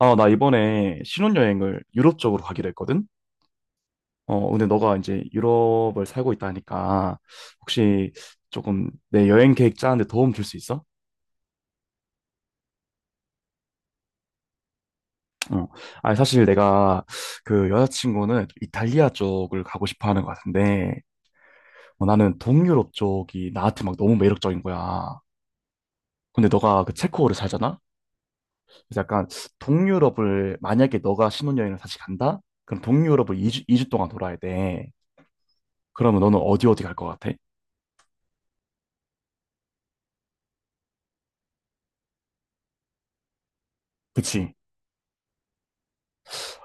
아, 나 이번에 신혼여행을 유럽 쪽으로 가기로 했거든? 어, 근데 너가 이제 유럽을 살고 있다 하니까 혹시 조금 내 여행 계획 짜는데 도움 줄 수 있어? 어. 아니, 사실 내가 그 여자친구는 이탈리아 쪽을 가고 싶어 하는 것 같은데, 어, 나는 동유럽 쪽이 나한테 막 너무 매력적인 거야. 근데 너가 그 체코를 살잖아? 그래서 약간 동유럽을 만약에 너가 신혼여행을 다시 간다? 그럼 동유럽을 2주 동안 돌아야 돼. 그러면 너는 어디 어디 갈 것 같아? 그치?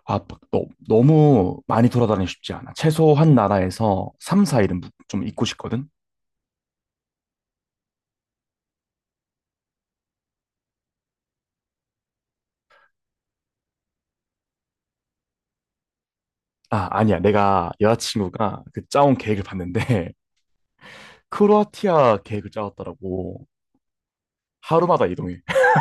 아, 너무 많이 돌아다니기 쉽지 않아. 최소한 나라에서 3, 4일은 좀 있고 싶거든? 아, 아니야. 내가 여자친구가 그 짜온 계획을 봤는데, 크로아티아 계획을 짜왔더라고. 하루마다 이동해.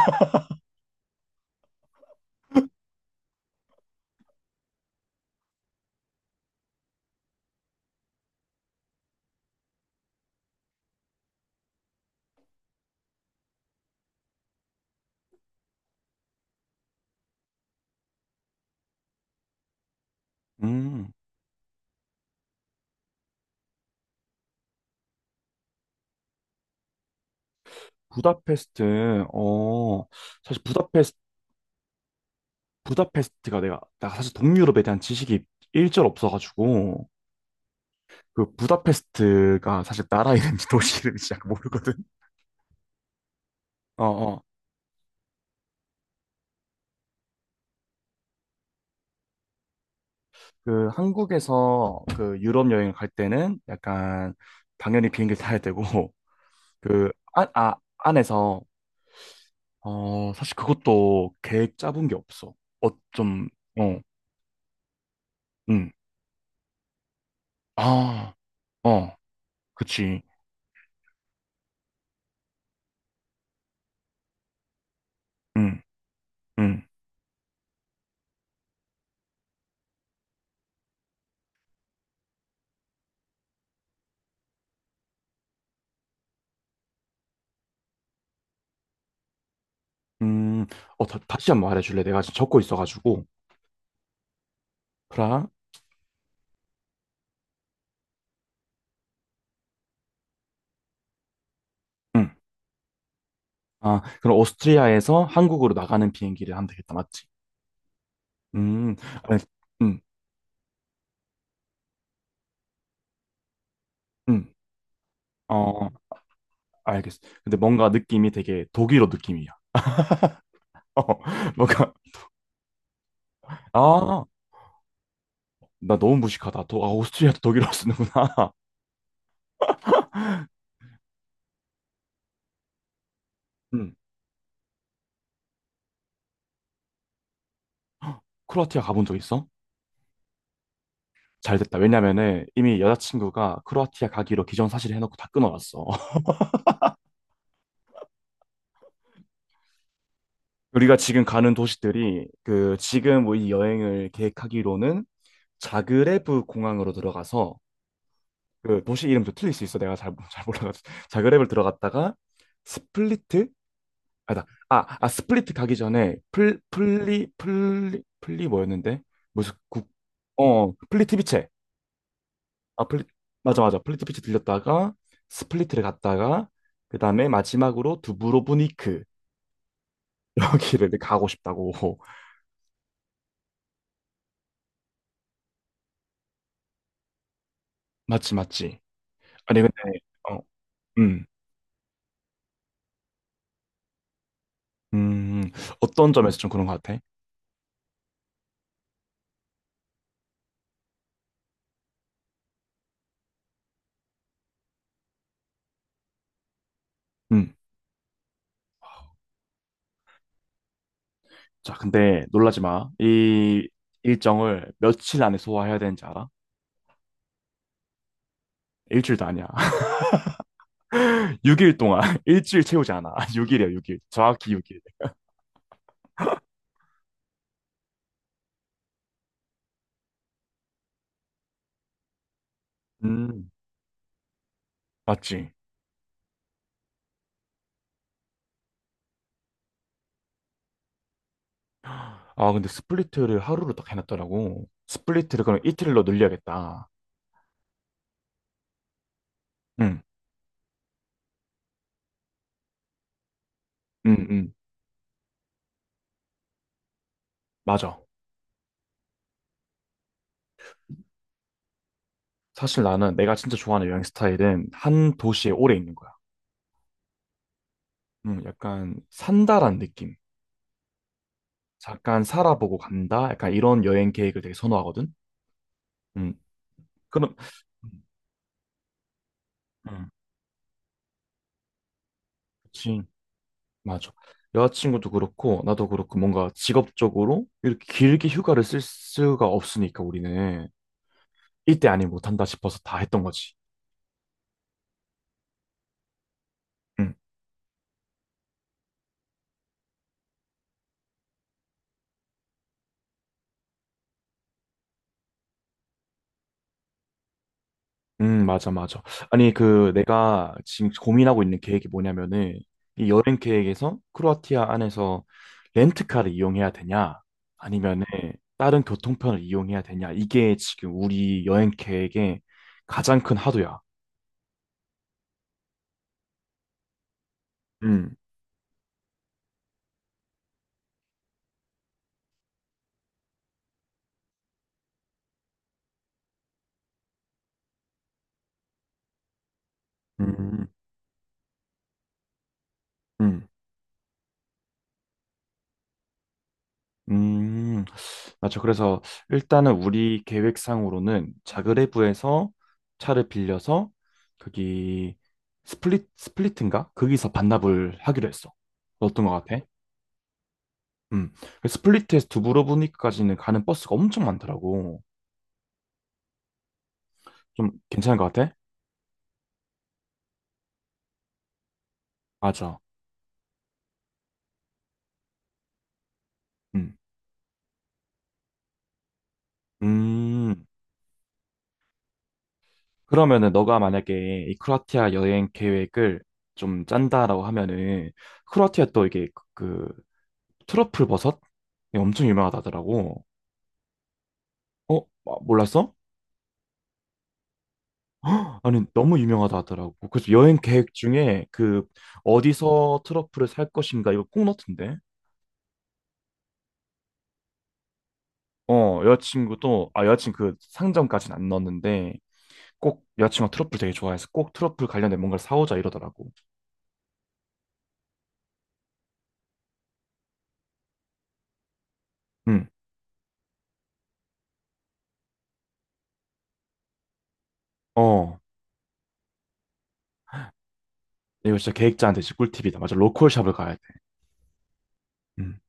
음. 부다페스트, 사실 부다페스트, 부다페스트가 나 사실 동유럽에 대한 지식이 일절 없어가지고, 그 부다페스트가 사실 나라 이름인지 도시 이름인지 잘 모르거든. 어, 어. 그 한국에서 그 유럽 여행을 갈 때는 약간 당연히 비행기 타야 되고. 그 안, 아, 안에서 사실 그것도 계획 짜본 게 없어. 좀. 어. 음. 아. 어. 그치. 음. 음. 음. 다, 시 한번 말해줄래? 내가 지금 적고 있어가지고. 프랑. 음. 아, 그럼 오스트리아에서 한국으로 나가는 비행기를 하면 되겠다, 맞지? 음. 알 음. 음. 어, 알겠어. 근데 뭔가 느낌이 되게 독일어 느낌이야. 어. 뭔가, 아, 나 너무 무식하다. 오스트리아도 독일어 쓰는구나. 음. 크로아티아 가본 적 있어? 잘 됐다. 왜냐면은 이미 여자친구가 크로아티아 가기로 기정사실 해놓고 다 끊어놨어. 우리가 지금 가는 도시들이 그 지금 뭐이 여행을 계획하기로는 자그레브 공항으로 들어가서, 그 도시 이름도 틀릴 수 있어. 내가 잘 몰라가지고. 자그레브를 들어갔다가 스플리트? 아니다. 스플리트 가기 전에 플리 뭐였는데? 무슨 국. 어, 플리트비체. 아, 맞아, 맞아. 플리트비체 들렸다가 스플리트를 갔다가 그 다음에 마지막으로 두브로브니크. 여기를 가고 싶다고. 맞지, 맞지. 아니, 근데. 어. 음, 음. 어떤 점에서 좀 그런 것 같아? 음. 자, 근데 놀라지 마. 이 일정을 며칠 안에 소화해야 되는지 알아? 일주일도 아니야. 6일 동안 일주일 채우지 않아. 6일이야, 6일 정확히 6일. 음. 맞지? 아, 근데 스플리트를 하루로 딱 해놨더라고. 스플리트를 그럼 이틀로 늘려야겠다. 응, 응, 응. 맞아. 사실 나는 내가 진짜 좋아하는 여행 스타일은 한 도시에 오래 있는 거야. 응, 약간 산다란 느낌. 잠깐 살아보고 간다. 약간 이런 여행 계획을 되게 선호하거든. 응. 그럼. 응. 그렇 맞아. 여자친구도 그렇고 나도 그렇고 뭔가 직업적으로 이렇게 길게 휴가를 쓸 수가 없으니까 우리는 이때 아니 못한다 싶어서 다 했던 거지. 응. 맞아, 맞아. 아니 그 내가 지금 고민하고 있는 계획이 뭐냐면은 이 여행 계획에서 크로아티아 안에서 렌트카를 이용해야 되냐, 아니면은 다른 교통편을 이용해야 되냐, 이게 지금 우리 여행 계획의 가장 큰 하도야. 음. 음. 음. 음, 맞죠. 그래서 일단은 우리 계획상으로는 자그레브에서 차를 빌려서 거기 스플릿, 스플릿인가? 거기서 반납을 하기로 했어. 어떤 것 같아? 음. 그 스플릿에서 두브로브니크까지는 가는 버스가 엄청 많더라고. 좀 괜찮은 것 같아? 맞아. 음. 음. 그러면은 너가 만약에 이 크로아티아 여행 계획을 좀 짠다라고 하면은, 크로아티아 또 이게 그 트러플 버섯이 엄청 유명하다 하더라고. 어? 아, 몰랐어? 아니, 너무 유명하다 하더라고. 그래서 여행 계획 중에 그 어디서 트러플을 살 것인가 이거 꼭 넣던데. 어, 여자친구 그 상점까지는 안 넣었는데, 꼭 여자친구가 트러플 되게 좋아해서 꼭 트러플 관련된 뭔가를 사오자 이러더라고. 응. 어. 이거 진짜 계획자한테 진짜 꿀팁이다. 맞아, 로컬 샵을 가야 돼. 음.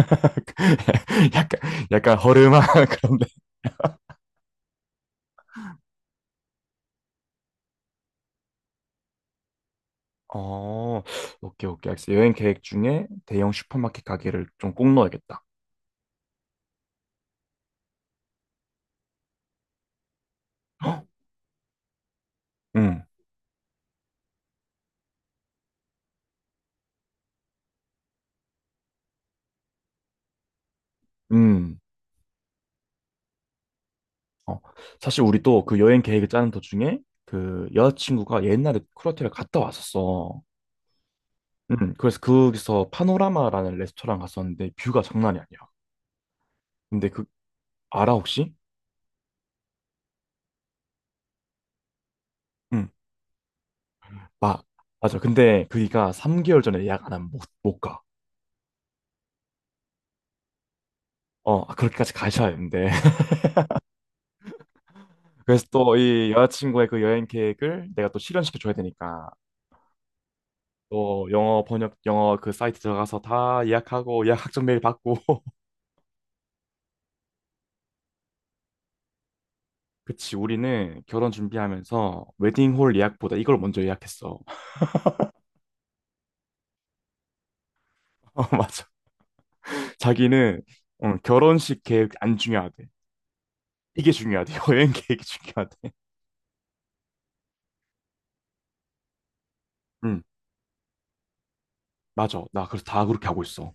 약간, 약간 허름한 그런. 어, 오케이, 오케이, 알겠어. 여행 계획 중에 대형 슈퍼마켓 가게를 좀 꼭 넣어야겠다. 헉. 응. 음. 어. 사실 우리 또 그 여행 계획을 짜는 도중에 그 여자친구가 옛날에 크로아티아를 갔다 왔었어. 그래서 거기서 파노라마라는 레스토랑 갔었는데 뷰가 장난이 아니야. 근데 그, 알아, 혹시? 응. 마, 맞아. 근데 그이가 3개월 전에 예약 안 하면 못 가. 어, 아, 그렇게까지 가셔야 되는데. 그래서 또 이 여자친구의 그 여행 계획을 내가 또 실현시켜 줘야 되니까. 또 영어 번역 영어 그 사이트 들어가서 다 예약하고 예약 확정 메일 받고. 그치, 우리는 결혼 준비하면서 웨딩홀 예약보다 이걸 먼저 예약했어. 어, 맞아. 자기는, 응, 결혼식 계획 안 중요하대. 이게 중요하대. 여행 계획이 중요하대. 응, 맞아. 나 그래서 다 그렇게 하고 있어.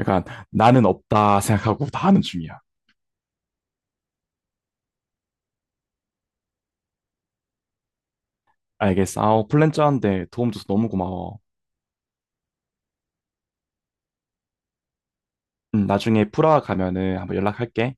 약간 나는 없다 생각하고 다 하는 중이야. 알겠어. 아우, 플랜 짜는데 도움 줘서 너무 고마워. 응, 나중에 프라하 가면은 한번 연락할게.